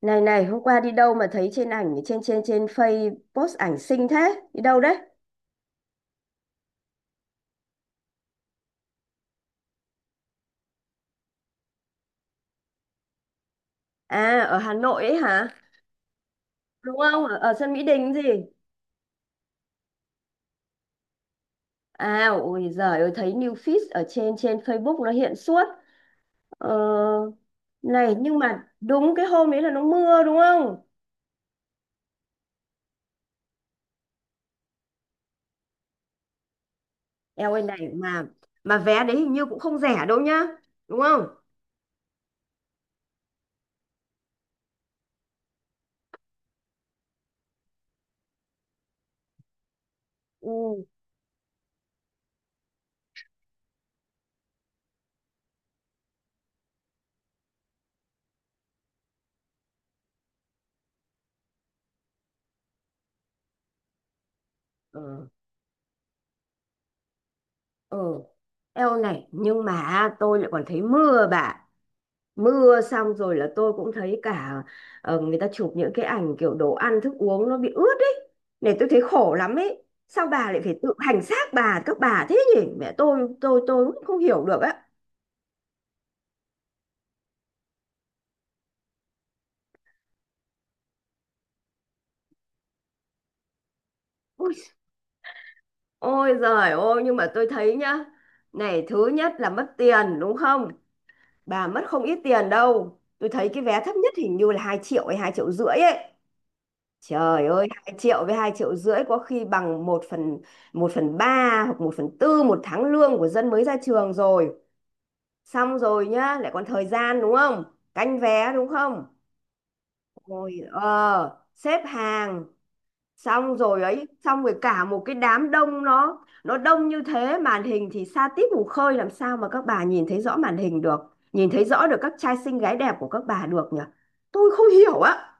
Này này, hôm qua đi đâu mà thấy trên ảnh trên trên trên Face post ảnh xinh thế? Đi đâu đấy? À, ở Hà Nội ấy hả? Đúng không? Ở sân Mỹ Đình gì? À, ôi giời ơi, thấy new feed ở trên trên Facebook nó hiện suốt. Ờ, này, nhưng mà đúng cái hôm đấy là nó mưa đúng không? Eo ơi này mà vé đấy hình như cũng không rẻ đâu nhá. Đúng không? Ừ. Ừ. Ừ. Eo này, nhưng mà tôi lại còn thấy mưa bà. Mưa xong rồi là tôi cũng thấy cả người ta chụp những cái ảnh kiểu đồ ăn thức uống nó bị ướt ấy. Này tôi thấy khổ lắm ấy, sao bà lại phải tự hành xác bà, các bà thế nhỉ? Mẹ tôi, tôi cũng không hiểu được á. Ôi ôi giời ôi, nhưng mà tôi thấy nhá, này thứ nhất là mất tiền đúng không? Bà mất không ít tiền đâu, tôi thấy cái vé thấp nhất hình như là 2 triệu hay 2,5 triệu ấy. Trời ơi, 2 triệu với 2,5 triệu có khi bằng 1/3 hoặc 1/4 một tháng lương của dân mới ra trường rồi. Xong rồi nhá, lại còn thời gian đúng không? Canh vé đúng không? Rồi xếp hàng xong rồi ấy, xong rồi cả một cái đám đông nó đông như thế, màn hình thì xa tít mù khơi làm sao mà các bà nhìn thấy rõ màn hình được, nhìn thấy rõ được các trai xinh gái đẹp của các bà được nhỉ? Tôi không hiểu á.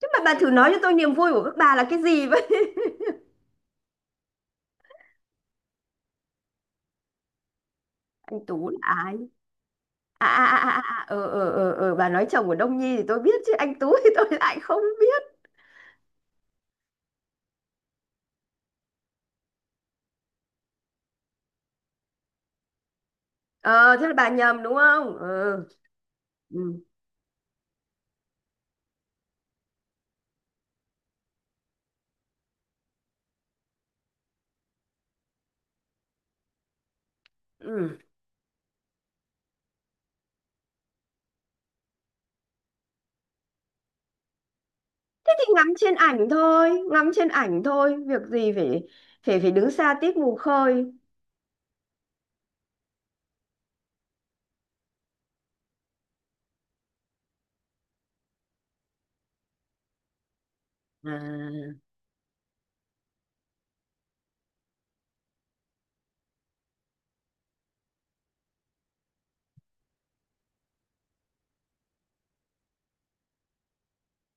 Chứ mà bà thử nói cho tôi niềm vui của các bà là cái gì. Anh Tú là ai? À à à à à, bà nói chồng của Đông Nhi thì tôi biết chứ anh Tú thì tôi lại không biết. Ờ thế là bà nhầm đúng không ờ. Ừ. Ừ. Thế thì ngắm trên ảnh thôi, ngắm trên ảnh thôi, việc gì phải phải phải đứng xa tít mù khơi. À.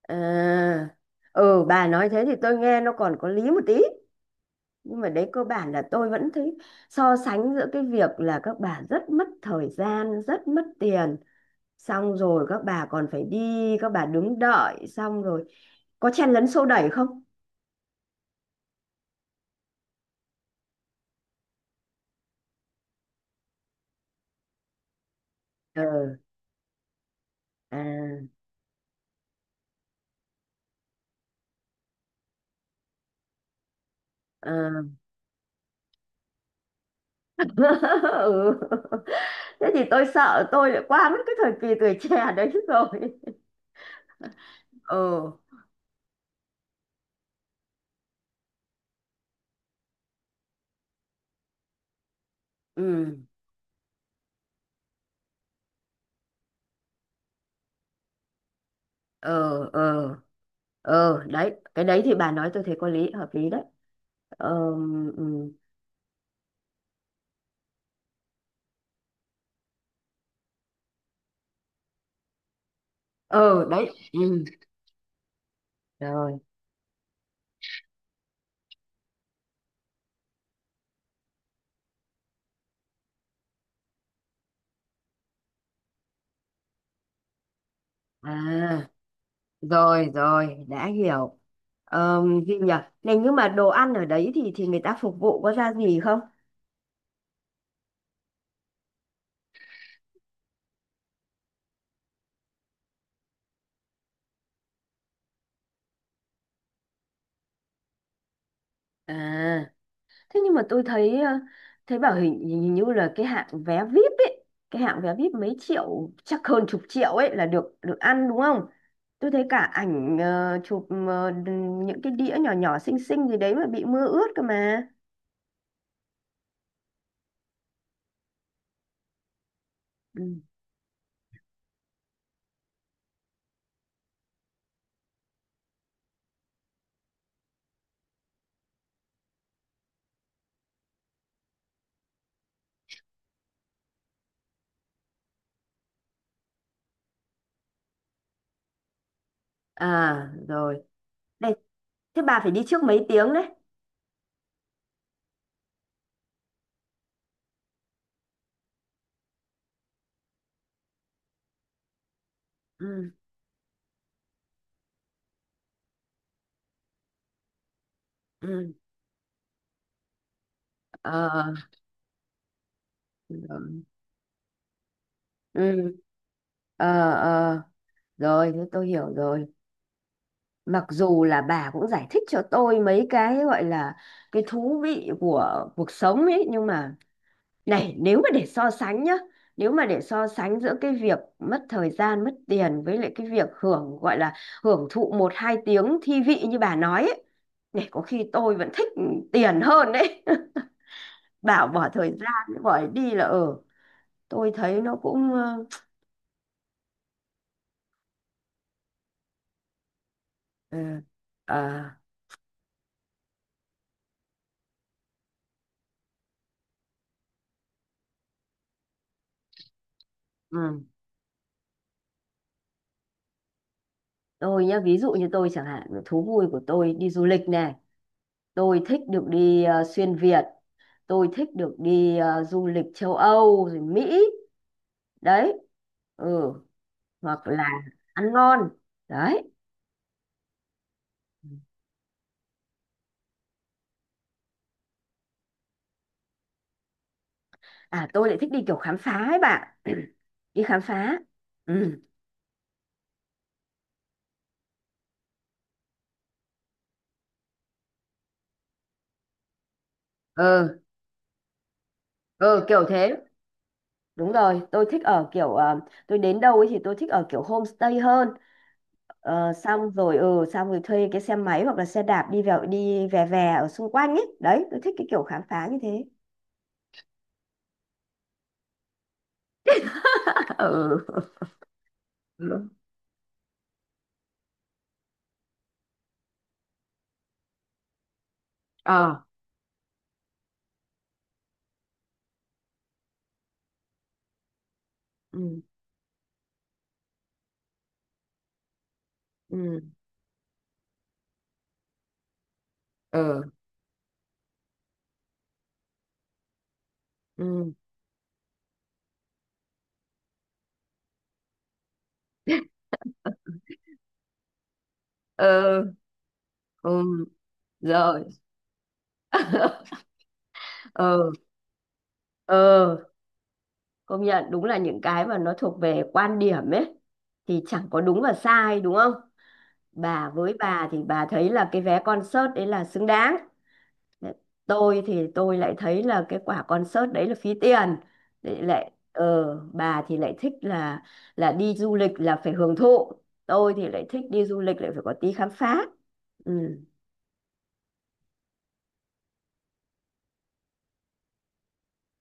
À. Ừ, bà nói thế thì tôi nghe nó còn có lý một tí, nhưng mà đấy cơ bản là tôi vẫn thấy so sánh giữa cái việc là các bà rất mất thời gian, rất mất tiền, xong rồi các bà còn phải đi, các bà đứng đợi xong rồi có chen lấn xô đẩy không? Ờ. À. À. Ừ. Thế thì tôi sợ tôi lại qua mất cái thời kỳ tuổi trẻ đấy rồi. Ừ. Ừ. Ờ. Ờ. Ờ đấy, cái đấy thì bà nói tôi thấy có lý, hợp lý đấy. Ờ. Ừ. Ờ đấy. Ừ. Rồi. À, rồi rồi đã hiểu. Gì nhỉ? Này nhưng mà đồ ăn ở đấy thì người ta phục vụ có ra gì không? À, thế nhưng mà tôi thấy bảo hình như là cái hạng vé VIP ấy, cái hạng vé VIP mấy triệu chắc hơn chục triệu ấy là được được ăn đúng không? Tôi thấy cả ảnh chụp những cái đĩa nhỏ nhỏ xinh xinh gì đấy mà bị mưa ướt cơ mà. Ừ. À rồi. Đây, thế bà phải đi trước mấy tiếng đấy. Ừ. Ừ. Ờ rồi. Ừ. Ờ. Ờ rồi, thế tôi hiểu rồi. Mặc dù là bà cũng giải thích cho tôi mấy cái gọi là cái thú vị của cuộc sống ấy nhưng mà này, nếu mà để so sánh nhá, nếu mà để so sánh giữa cái việc mất thời gian mất tiền với lại cái việc hưởng gọi là hưởng thụ một hai tiếng thi vị như bà nói ấy, này có khi tôi vẫn thích tiền hơn đấy. Bảo bỏ thời gian bỏ đi là tôi thấy nó cũng ờ, ờ, ờ, ừ. Tôi nhá, ví dụ như tôi chẳng hạn, thú vui của tôi đi du lịch này, tôi thích được đi xuyên Việt, tôi thích được đi du lịch châu Âu rồi Mỹ. Đấy. Ừ, hoặc là ăn ngon. Đấy. À, tôi lại thích đi kiểu khám phá ấy bạn. Đi khám phá. Ừ. Ừ. Ừ kiểu thế. Đúng rồi, tôi thích ở kiểu, tôi đến đâu ấy thì tôi thích ở kiểu homestay hơn. Ờ, xong rồi xong rồi thuê cái xe máy hoặc là xe đạp đi vào đi về, về ở xung quanh ấy, đấy tôi thích cái kiểu khám phá như thế. Ừ. Ừ. Ờ. Ừ. Ừ. Ừ. Ừ. Ừ. Ừ, rồi. Ừ. Ừ. Công nhận đúng là những cái mà nó thuộc về quan điểm ấy thì chẳng có đúng và sai đúng không? Bà, với bà thì bà thấy là cái vé concert đấy là xứng đáng, tôi thì tôi lại thấy là cái quả concert đấy là phí tiền. Lại lại ờ Bà thì lại thích là đi du lịch là phải hưởng thụ, tôi thì lại thích đi du lịch lại phải có tí khám phá. Ừ.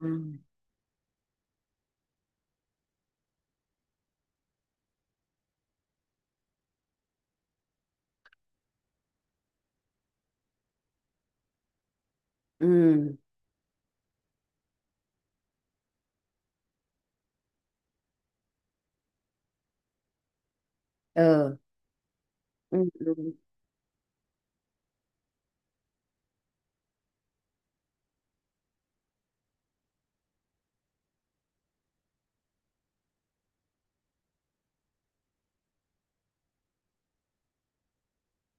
Ừ. Ừ. Ờ. Ừ. Ừ.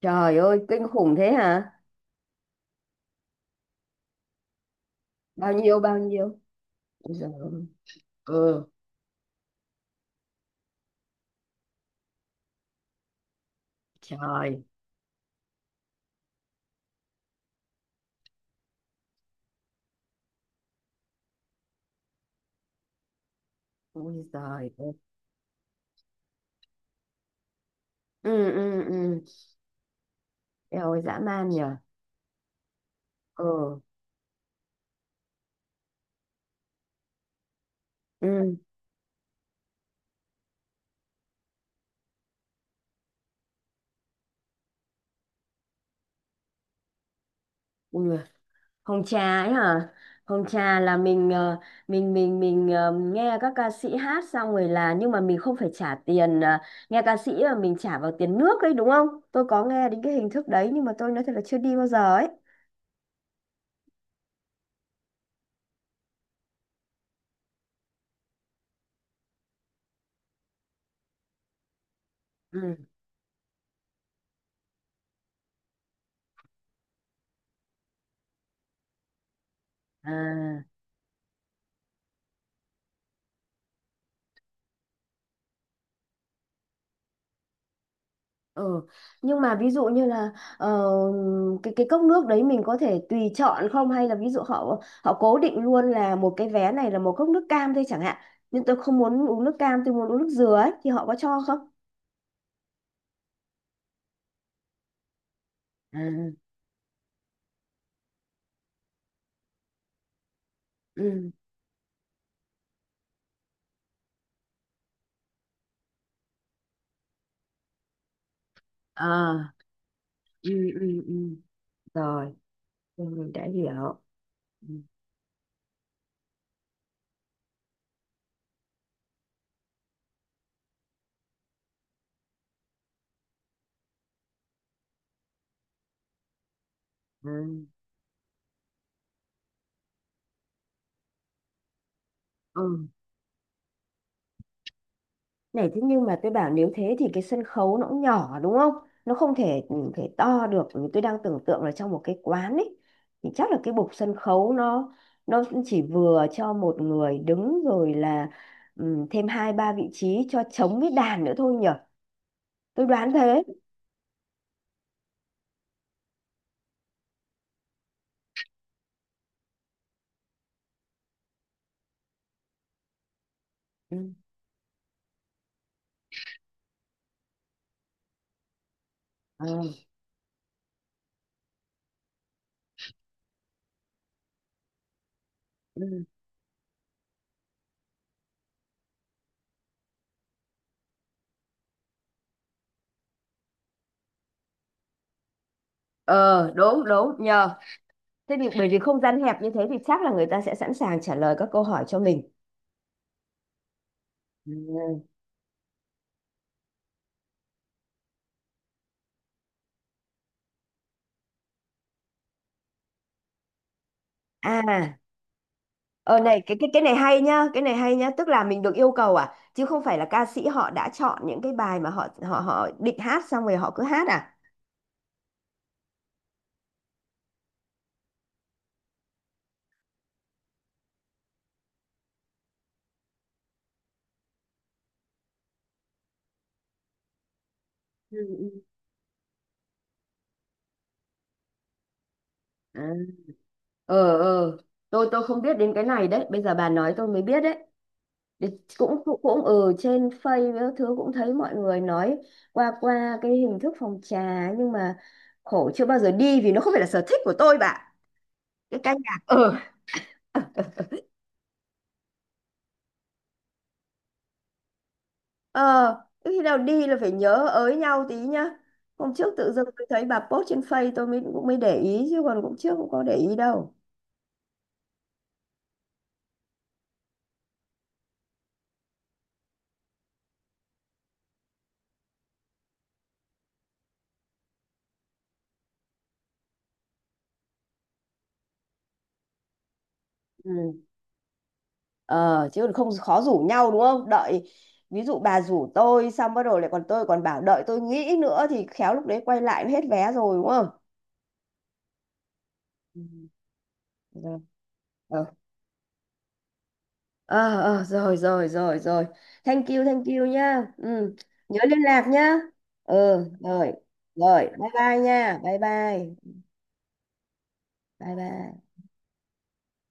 Trời ơi, kinh khủng thế hả? Bao nhiêu bao nhiêu? Ôi giời ơi. Ừ. Trời. Ôi giời ơi. Ừ. Ừ. Ừ. Eo ơi, dã man nhở. Ừ. Ừ. Ui, Hồng trà ấy hả? Hồng trà là mình, mình nghe các ca sĩ hát xong rồi là nhưng mà mình không phải trả tiền, nghe ca sĩ mà mình trả vào tiền nước ấy đúng không? Tôi có nghe đến cái hình thức đấy nhưng mà tôi nói thật là chưa đi bao giờ ấy. Ừ. À. Ừ. Nhưng mà ví dụ như là ờ, cái cốc nước đấy mình có thể tùy chọn không hay là ví dụ họ họ cố định luôn là một cái vé này là một cốc nước cam thôi chẳng hạn. Nhưng tôi không muốn uống nước cam, tôi muốn uống nước dừa ấy thì họ có cho không? À. Ừ. Ờ. Ừ. Ừ. Ừ. Rồi, mình đã hiểu. Ừ. Ừ. Ừ. Này thế nhưng mà tôi bảo nếu thế thì cái sân khấu nó cũng nhỏ đúng không? Nó không thể thể to được, tôi đang tưởng tượng là trong một cái quán ấy thì chắc là cái bục sân khấu nó chỉ vừa cho một người đứng rồi là ừ, thêm hai ba vị trí cho trống với đàn nữa thôi nhở. Tôi đoán thế. Ừ. Ờ. Ừ. Ờ, đúng đúng nhờ. Thế thì bởi vì không gian hẹp như thế thì chắc là người ta sẽ sẵn sàng trả lời các câu hỏi cho mình. Ừ. À. Ờ này, cái cái này hay nhá, cái này hay nhá, tức là mình được yêu cầu à, chứ không phải là ca sĩ họ đã chọn những cái bài mà họ họ họ định hát xong rồi họ cứ hát à? Ừ. Ừ. À. Ờ ờ, tôi không biết đến cái này đấy, bây giờ bà nói tôi mới biết đấy. Thì cũng cũng cũng ừ trên Face với các thứ cũng thấy mọi người nói qua qua cái hình thức phòng trà nhưng mà khổ chưa bao giờ đi vì nó không phải là sở thích của tôi bà. Cái ca nhạc ờ. Ờ, cái khi nào đi là phải nhớ ới nhau tí nhá. Hôm trước tự dưng tôi thấy bà post trên Face tôi mới cũng mới để ý chứ còn cũng trước cũng có để ý đâu. Ừ. Ờ, chứ còn không khó rủ nhau đúng không? Đợi ví dụ bà rủ tôi xong bắt đầu lại còn tôi còn bảo đợi tôi nghĩ nữa thì khéo lúc đấy quay lại hết vé rồi đúng không? Ừ. Rồi. Ờ. Ờ ờ, rồi rồi rồi rồi. Thank you, thank you nhá. Ừ. Nhớ liên lạc nhá. Ừ rồi. Rồi bye bye nha, bye bye. Bye bye.